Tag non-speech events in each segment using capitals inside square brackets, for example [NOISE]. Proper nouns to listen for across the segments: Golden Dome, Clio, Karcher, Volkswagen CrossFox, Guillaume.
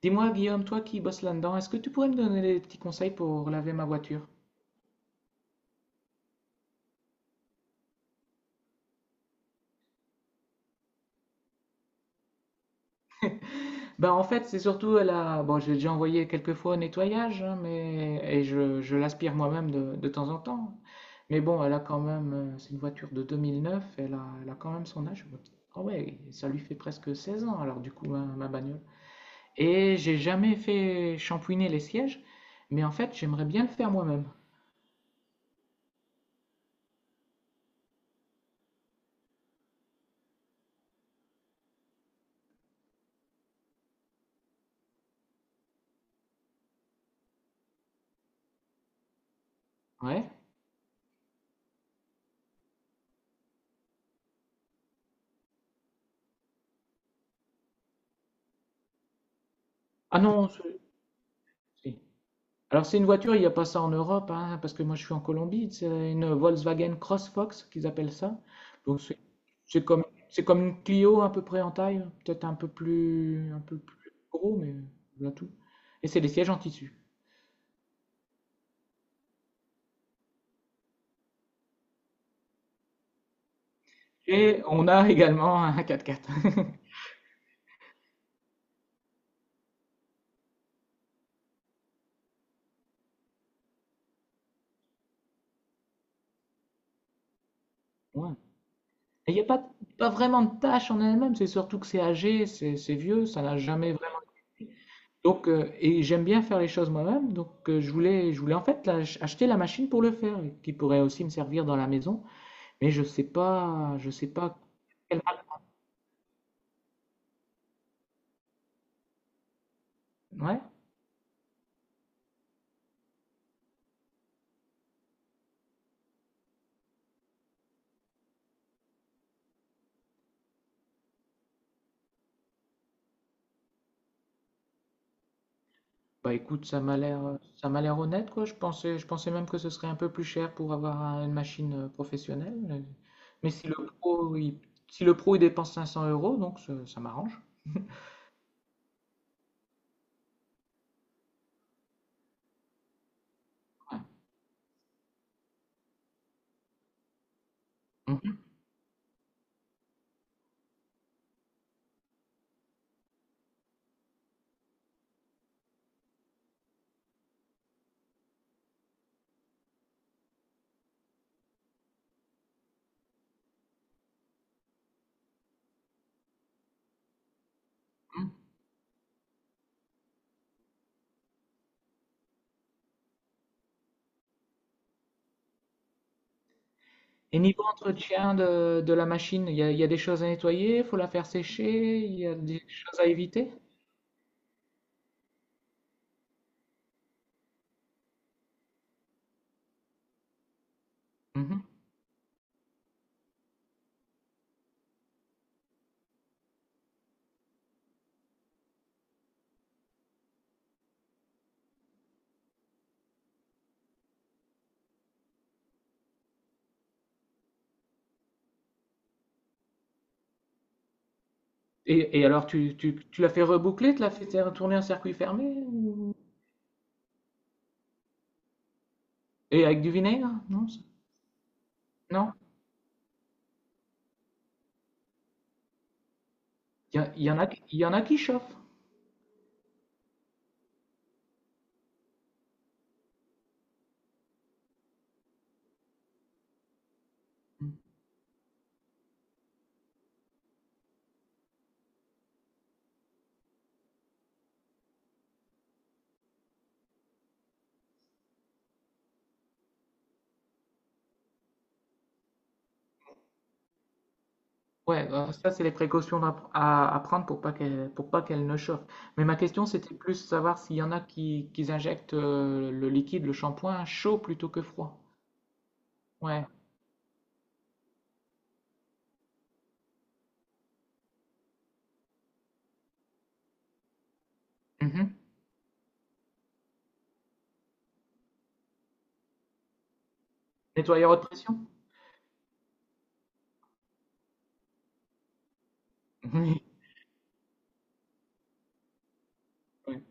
Dis-moi, Guillaume, toi qui bosses là-dedans, est-ce que tu pourrais me donner des petits conseils pour laver ma voiture? Ben, en fait, c'est surtout la... Bon, j'ai déjà envoyé quelques fois au nettoyage, hein, mais... et je l'aspire moi-même de temps en temps. Mais bon, elle a quand même... c'est une voiture de 2009, elle a quand même son âge. Ah ouais, ça lui fait presque 16 ans, alors du coup, ma bagnole. Et j'ai jamais fait shampouiner les sièges, mais en fait, j'aimerais bien le faire moi-même. Ouais. Ah non, c'est- si. Alors c'est une voiture, il n'y a pas ça en Europe, hein, parce que moi je suis en Colombie, c'est une Volkswagen CrossFox qu'ils appellent ça. Donc c'est c'est comme une Clio à peu près en taille, peut-être un peu plus gros, mais voilà tout. Et c'est des sièges en tissu. Et on a également un 4x4. [LAUGHS] Ouais. Et il n'y a pas, pas vraiment de tâche en elle-même, c'est surtout que c'est âgé, c'est vieux, ça n'a jamais vraiment. Donc, et j'aime bien faire les choses moi-même, donc je voulais en fait acheter la machine pour le faire, qui pourrait aussi me servir dans la maison, mais je sais pas quel- Ouais. Bah écoute, ça m'a l'air honnête quoi. Je pensais même que ce serait un peu plus cher pour avoir un- une machine professionnelle, mais si le pro, il, si le pro il dépense 500 euros, donc ça m'arrange. Ouais. Mhm, mhm. Et niveau entretien de la machine, il y a des choses à nettoyer, faut la faire sécher, il y a des choses à éviter. Mmh. Et alors tu l'as fait reboucler? Tu l'as fait tourner un circuit fermé ou et avec du vinaigre? Non? c non? Il y a il y en a qui chauffent. Mmh. Ouais, alors ça, c'est les précautions à prendre pour pas qu'elle ne chauffe. Mais ma question, c'était plus savoir s'il y en a qui injectent, le liquide, le shampoing chaud plutôt que froid. Ouais. Mmh. Nettoyeur haute pression? [LAUGHS] Oui, oui.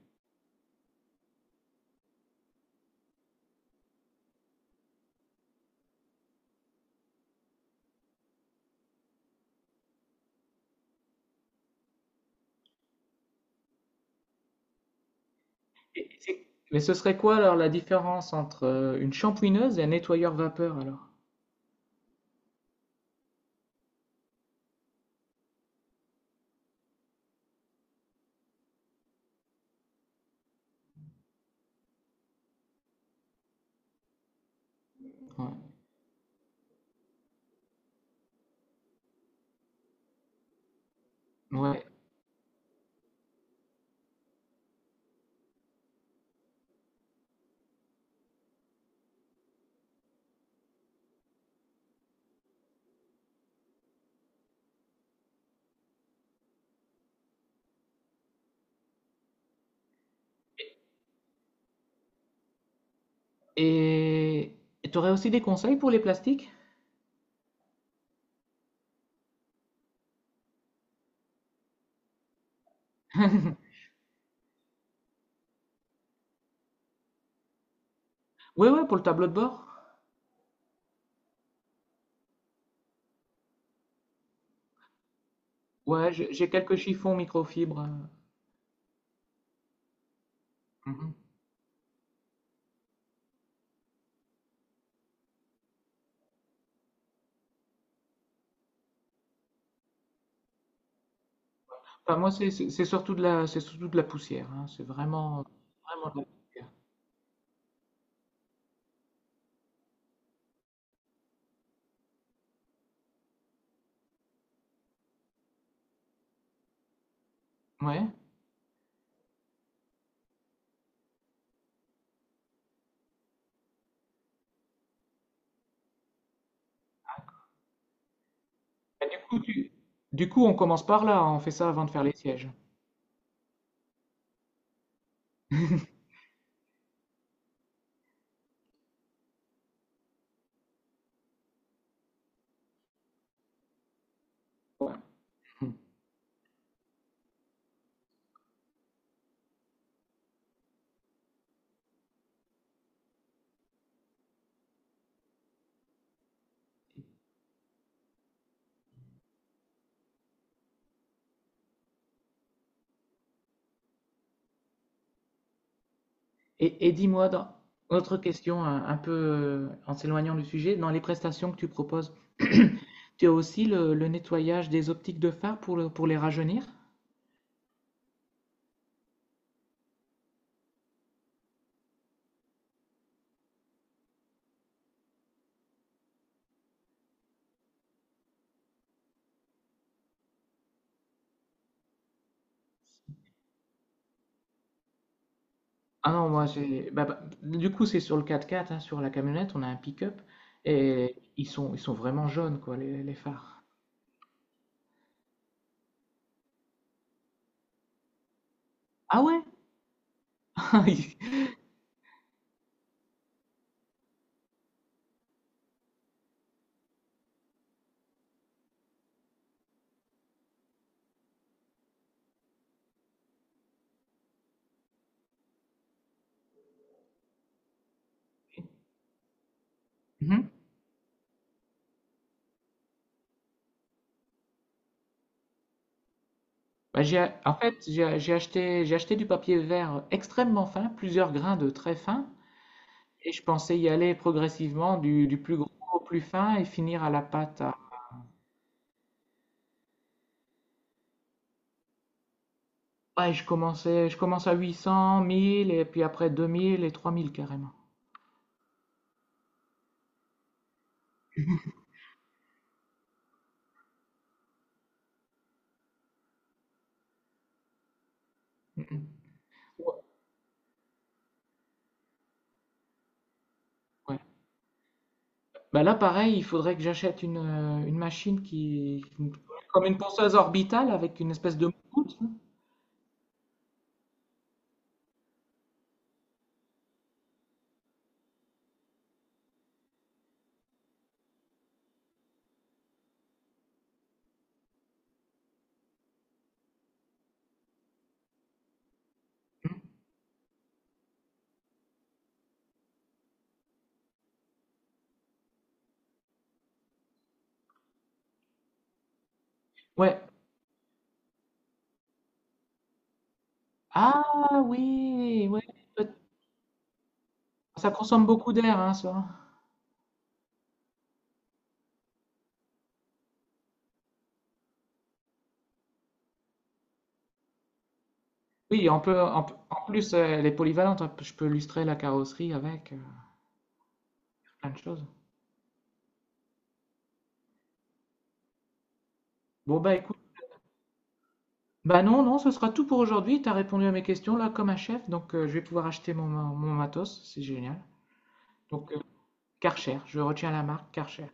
Et c'est mais ce serait quoi alors la différence entre, une shampouineuse et un nettoyeur vapeur alors? Ouais. Ouais. Et tu aurais aussi des conseils pour les plastiques? [LAUGHS] Ouais, ouais, pour le tableau de bord. Ouais, j'ai quelques chiffons microfibres. Mhm. Enfin, moi, c'est surtout de la, c'est surtout de la poussière, hein. C'est vraiment, vraiment de la poussière. Ouais. Et du coup, du coup, on commence par là. On fait ça avant de faire les sièges. [LAUGHS] Ouais. Et dis-moi, autre question, un peu en s'éloignant du sujet, dans les prestations que tu proposes, [CLEARS THROAT] tu as aussi le nettoyage des optiques de phare pour, pour les rajeunir? Ah non, moi j'ai bah, bah, du coup, c'est sur le 4x4, hein, sur la camionnette, on a un pick-up et ils sont vraiment jaunes, quoi, les phares. Ah ouais? [LAUGHS] Mhm. Bah, j'ai, en fait, j'ai acheté, j'ai acheté du papier vert extrêmement fin, plusieurs grains de très fin, et je pensais y aller progressivement du plus gros au plus fin et finir à la pâte à, ouais, je commence à 800, 1000 et puis après 2000 et 3000 carrément. Mmh mh. Ouais, ouais. Bah, là, pareil, il faudrait que j'achète une machine qui comme une ponceuse orbitale avec une espèce de moute, ouais. Ah oui! Ouais, peut ça consomme beaucoup d'air, hein, ça. Oui, on peut on en plus, elle est polyvalente, hein, je peux lustrer la carrosserie avec, plein de choses. Bon, bah, écoute. Bah non, non, ce sera tout pour aujourd'hui. Tu as répondu à mes questions là comme un chef, donc je vais pouvoir acheter mon, mon matos, c'est génial. Donc Karcher, je retiens la marque Karcher.